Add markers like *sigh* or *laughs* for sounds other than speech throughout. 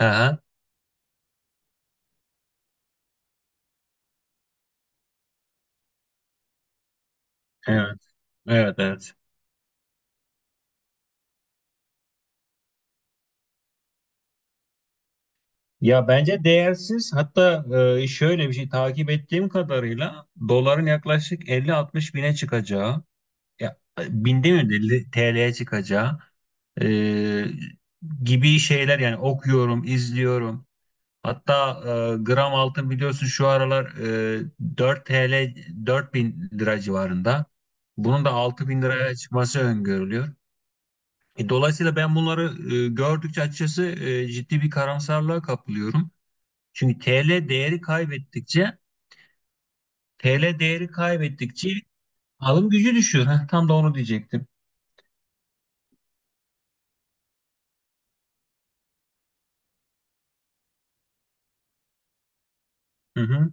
Aha, evet, evet, evet. Ya bence değersiz. Hatta şöyle bir şey takip ettiğim kadarıyla doların yaklaşık 50-60 bine çıkacağı, ya binde mi 50 TL'ye çıkacağı e, gibi şeyler yani okuyorum, izliyorum. Hatta gram altın biliyorsun şu aralar 4 TL bin lira civarında. Bunun da 6 bin liraya çıkması öngörülüyor. Dolayısıyla ben bunları gördükçe açıkçası ciddi bir karamsarlığa kapılıyorum. Çünkü TL değeri kaybettikçe alım gücü düşüyor. Heh, tam da onu diyecektim. Hı hı.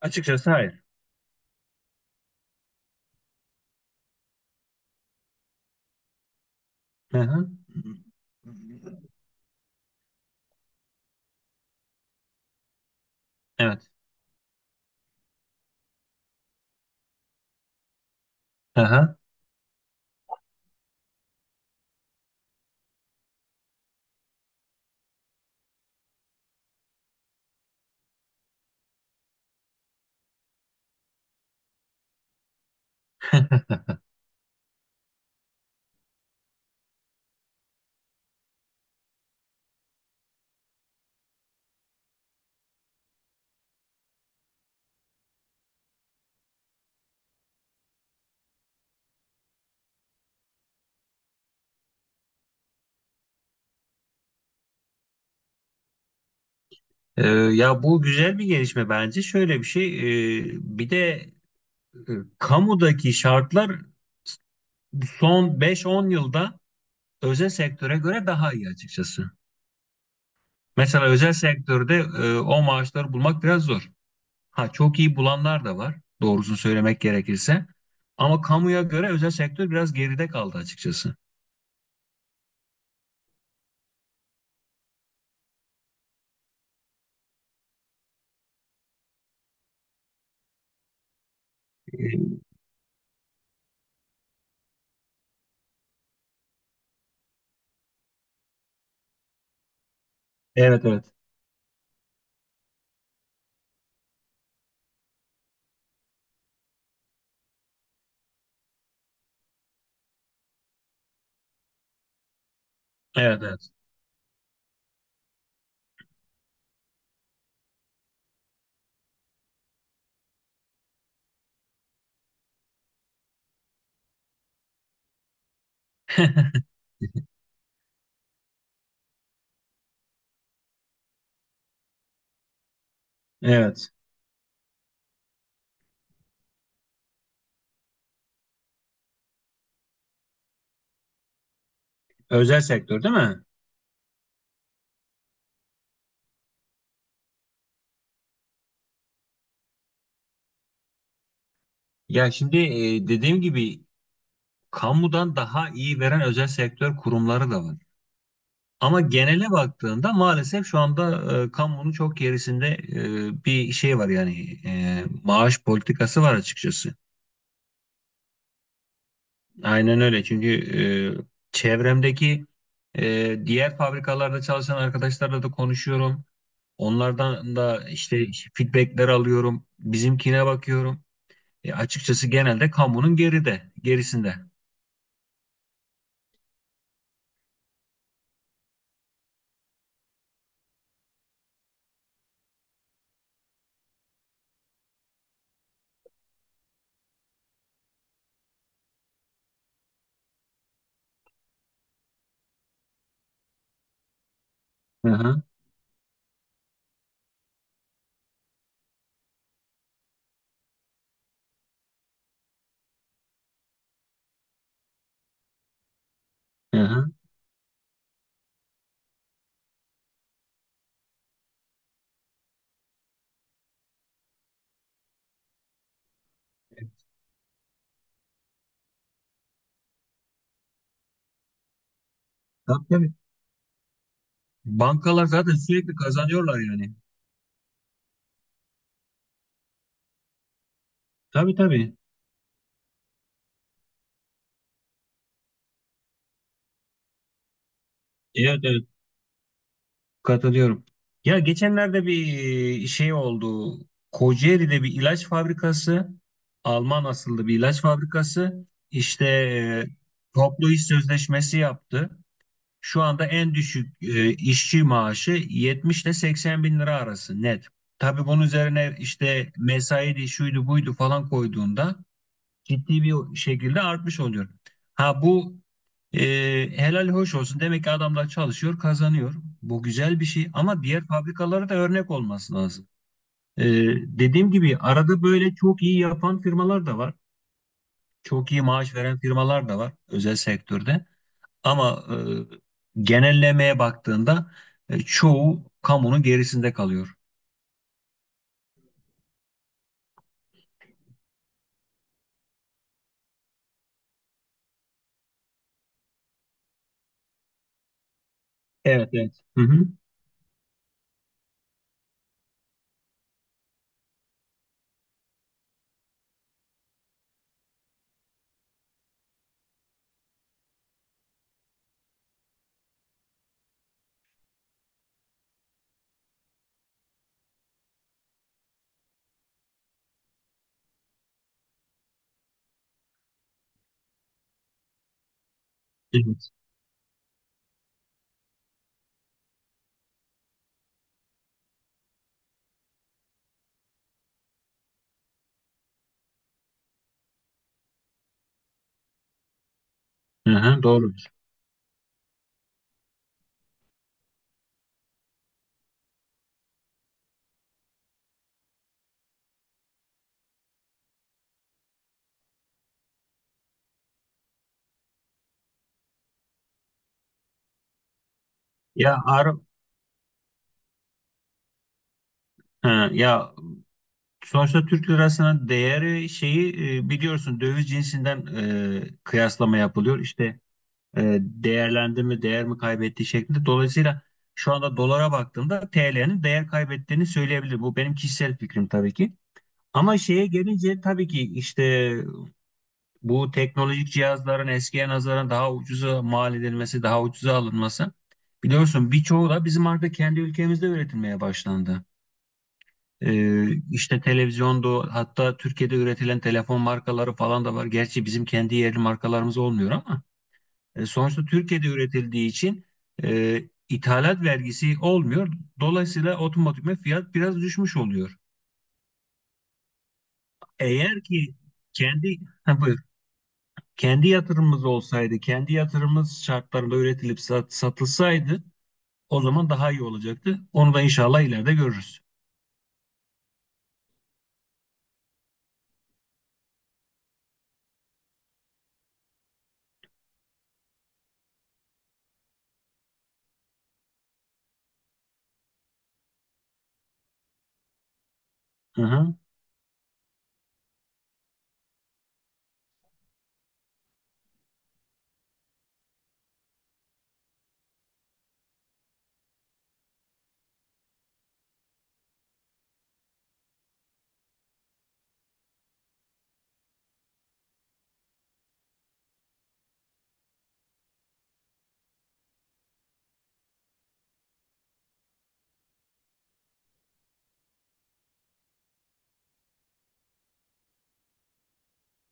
Açıkçası hayır. Hı hı. Evet. Hı. *laughs* Ya bu güzel bir gelişme bence. Şöyle bir şey, e, bir de e, kamudaki şartlar son 5-10 yılda özel sektöre göre daha iyi açıkçası. Mesela özel sektörde o maaşları bulmak biraz zor. Ha çok iyi bulanlar da var, doğrusunu söylemek gerekirse. Ama kamuya göre özel sektör biraz geride kaldı açıkçası. Evet, evet. Evet, evet. *laughs* Evet. Özel sektör değil mi? Ya şimdi dediğim gibi kamudan daha iyi veren özel sektör kurumları da var. Ama genele baktığında maalesef şu anda kamunun çok gerisinde bir şey var yani maaş politikası var açıkçası. Aynen öyle. Çünkü çevremdeki diğer fabrikalarda çalışan arkadaşlarla da konuşuyorum. Onlardan da işte feedbackler alıyorum. Bizimkine bakıyorum. Açıkçası genelde kamunun geride, gerisinde. Hı hı, hı hı. Tabii, tabii. Bankalar zaten sürekli kazanıyorlar yani. Tabii, tabii. Evet, evet. Katılıyorum. Ya geçenlerde bir şey oldu. Kocaeli'de bir ilaç fabrikası, Alman asıllı bir ilaç fabrikası işte toplu iş sözleşmesi yaptı. Şu anda en düşük işçi maaşı 70 ile 80 bin lira arası net. Tabii bunun üzerine işte mesai de şuydu buydu falan koyduğunda ciddi bir şekilde artmış oluyor. Ha bu e, helal hoş olsun. Demek ki adamlar çalışıyor, kazanıyor. Bu güzel bir şey ama diğer fabrikalara da örnek olması lazım. E, Dediğim gibi arada böyle çok iyi yapan firmalar da var. Çok iyi maaş veren firmalar da var özel sektörde. Ama genellemeye baktığında çoğu kamunun gerisinde kalıyor. Evet, evet. Hı hı. Evet. Hı hı, doğru. Ya ha, ya sonuçta Türk lirasının değeri şeyi biliyorsun döviz cinsinden kıyaslama yapılıyor. İşte değerlendi mi değer mi kaybetti şeklinde. Dolayısıyla şu anda dolara baktığımda TL'nin değer kaybettiğini söyleyebilirim. Bu benim kişisel fikrim tabii ki. Ama şeye gelince tabii ki işte bu teknolojik cihazların eskiye nazaran daha ucuza mal edilmesi, daha ucuza alınması. Biliyorsun birçoğu da bizim artık kendi ülkemizde üretilmeye başlandı. İşte televizyondu hatta Türkiye'de üretilen telefon markaları falan da var. Gerçi bizim kendi yerli markalarımız olmuyor ama sonuçta Türkiye'de üretildiği için e, ithalat vergisi olmuyor. Dolayısıyla otomatikman fiyat biraz düşmüş oluyor. Eğer ki kendi, ha, buyur. Kendi yatırımımız olsaydı, kendi yatırımımız şartlarında üretilip satılsaydı o zaman daha iyi olacaktı. Onu da inşallah ileride görürüz. Hı hı.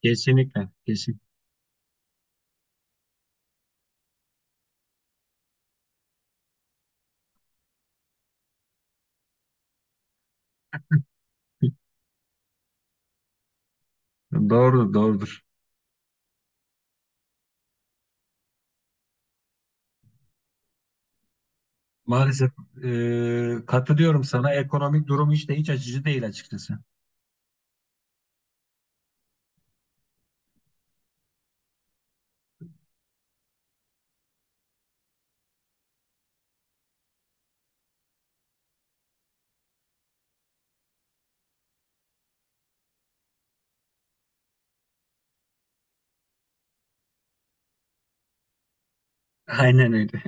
Kesinlikle, kesin. Doğrudur, doğrudur. Maalesef katılıyorum sana. Ekonomik durum hiç de hiç açıcı değil açıkçası. Aynen öyle.